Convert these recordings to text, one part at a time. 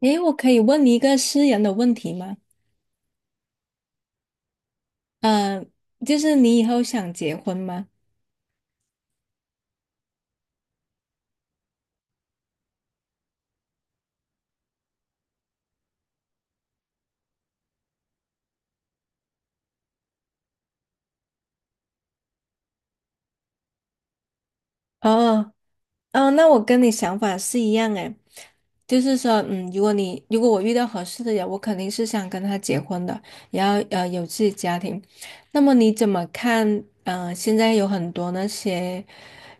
诶，我可以问你一个私人的问题吗？嗯、就是你以后想结婚吗？哦，哦，那我跟你想法是一样诶，就是说，如果我遇到合适的人，我肯定是想跟他结婚的，然后有自己家庭。那么你怎么看？嗯，现在有很多那些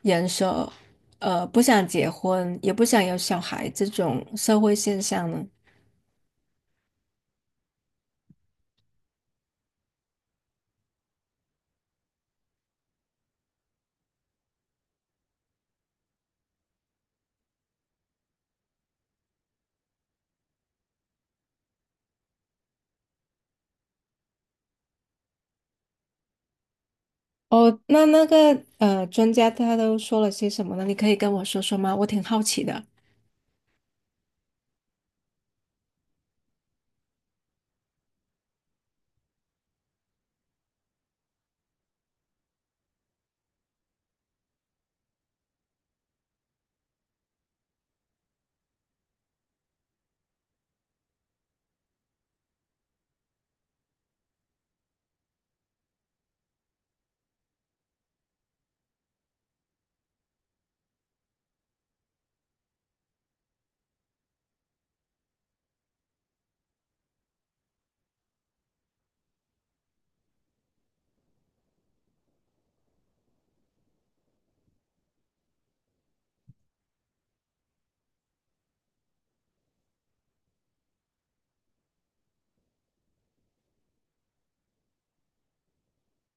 人说，不想结婚，也不想有小孩这种社会现象呢？哦，那专家他都说了些什么呢？你可以跟我说说吗？我挺好奇的。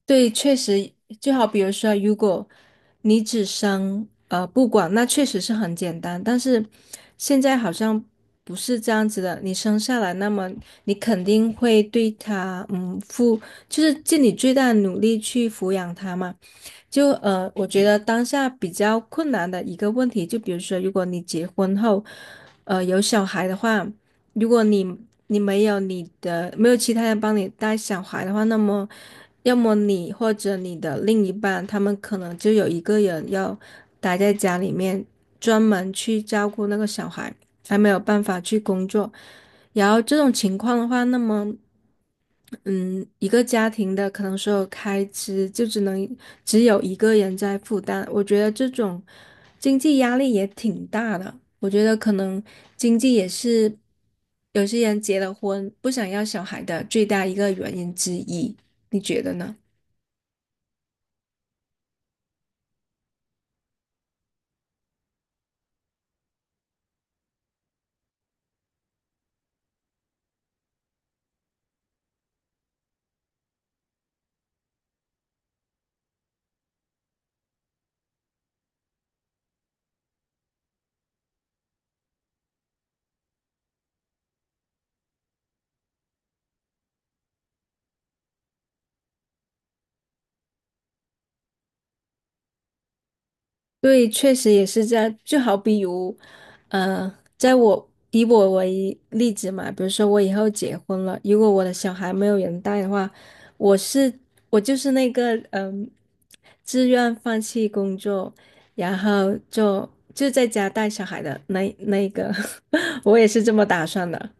对，确实，就好比如说，如果你只生不管，那确实是很简单。但是现在好像不是这样子的，你生下来，那么你肯定会对他付，就是尽你最大的努力去抚养他嘛。我觉得当下比较困难的一个问题，就比如说，如果你结婚后，有小孩的话。如果你没有其他人帮你带小孩的话，那么要么你或者你的另一半，他们可能就有一个人要待在家里面，专门去照顾那个小孩。才没有办法去工作。然后这种情况的话，那么，嗯，一个家庭的可能所有开支就只有一个人在负担，我觉得这种经济压力也挺大的。我觉得可能经济也是有些人结了婚不想要小孩的最大一个原因之一，你觉得呢？对，确实也是这样。就好比如，呃，以我为例子嘛，比如说我以后结婚了，如果我的小孩没有人带的话，我是我就是那个自愿放弃工作，然后就在家带小孩的那个，我也是这么打算的。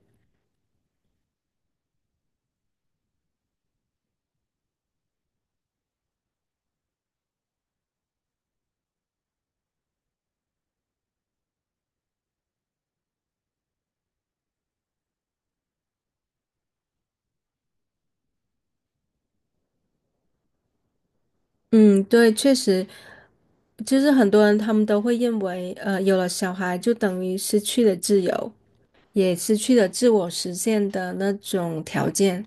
嗯，对，确实，就是很多人他们都会认为，有了小孩就等于失去了自由，也失去了自我实现的那种条件。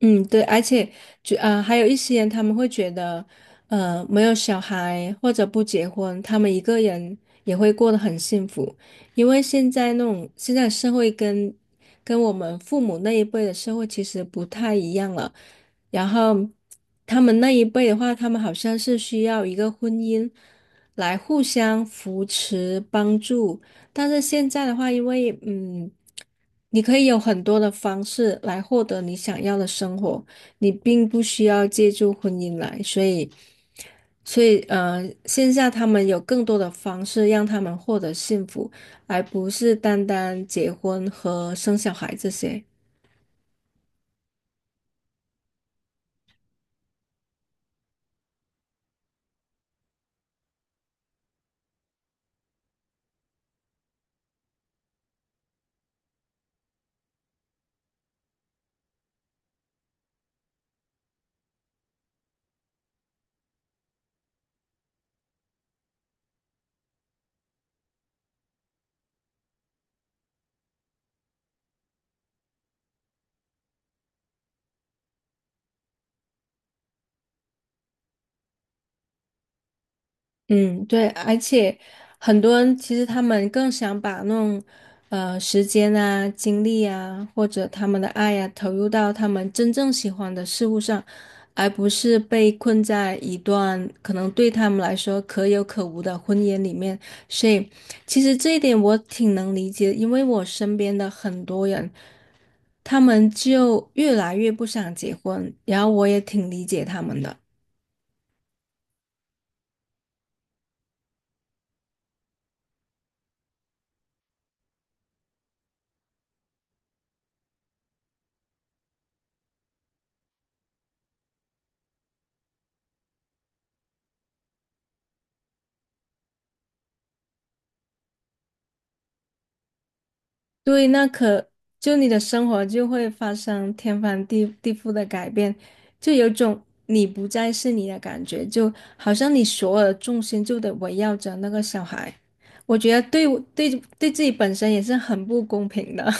嗯，对，而且还有一些人他们会觉得，没有小孩或者不结婚，他们一个人也会过得很幸福，因为现在社会跟我们父母那一辈的社会其实不太一样了。然后他们那一辈的话，他们好像是需要一个婚姻来互相扶持帮助。但是现在的话，因为你可以有很多的方式来获得你想要的生活，你并不需要借助婚姻来，所以线下他们有更多的方式让他们获得幸福，而不是单单结婚和生小孩这些。嗯，对，而且很多人其实他们更想把那种时间啊、精力啊，或者他们的爱呀、投入到他们真正喜欢的事物上，而不是被困在一段可能对他们来说可有可无的婚姻里面。所以，其实这一点我挺能理解，因为我身边的很多人，他们就越来越不想结婚，然后我也挺理解他们的。对，就你的生活就会发生天翻地地覆的改变，就有种你不再是你的感觉，就好像你所有的重心就得围绕着那个小孩。我觉得对我对对自己本身也是很不公平的。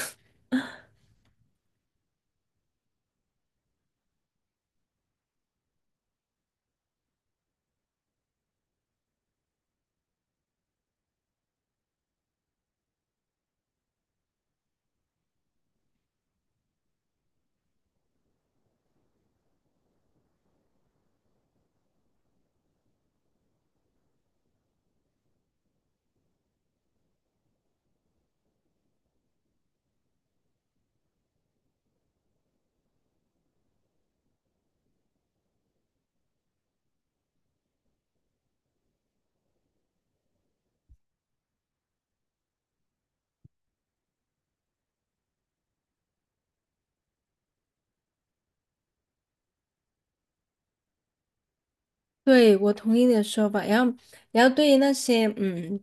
对，我同意你的说法。然后，然后对于那些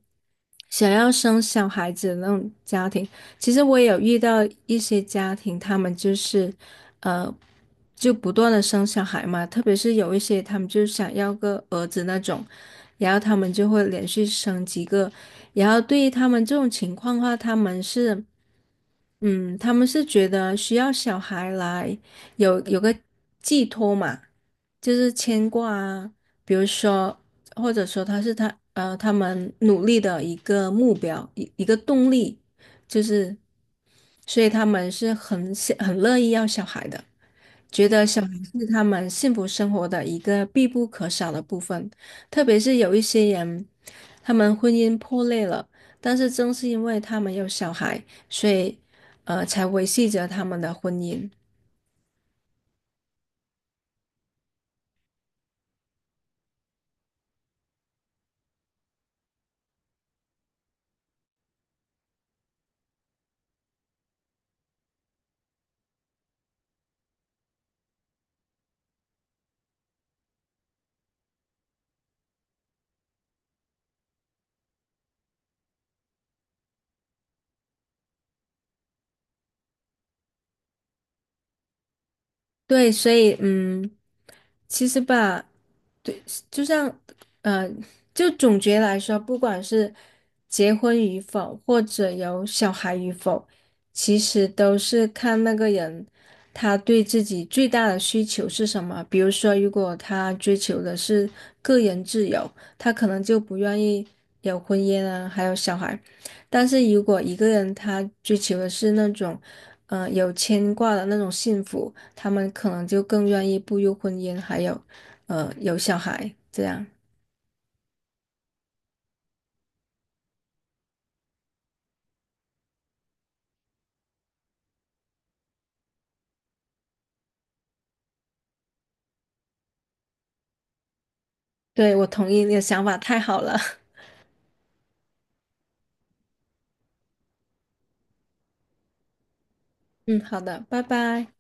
想要生小孩子的那种家庭，其实我也有遇到一些家庭，他们就是，呃，就不断的生小孩嘛，特别是有一些他们就想要个儿子那种，然后他们就会连续生几个，然后对于他们这种情况的话，他们是。嗯，他们是觉得需要小孩来有个寄托嘛，就是牵挂啊，比如说，或者说他是他呃他们努力的一个目标，一个动力，就是，所以他们是很想很乐意要小孩的。觉得小孩是他们幸福生活的一个必不可少的部分，特别是有一些人，他们婚姻破裂了，但是正是因为他们有小孩，所以才维系着他们的婚姻。对，所以嗯，其实吧，对，就像，呃，就总结来说，不管是结婚与否，或者有小孩与否，其实都是看那个人他对自己最大的需求是什么。比如说，如果他追求的是个人自由，他可能就不愿意有婚姻啊，还有小孩。但是如果一个人他追求的是那种，有牵挂的那种幸福，他们可能就更愿意步入婚姻，还有。有小孩这样。对，我同意你的想法，太好了。嗯，好的，拜拜。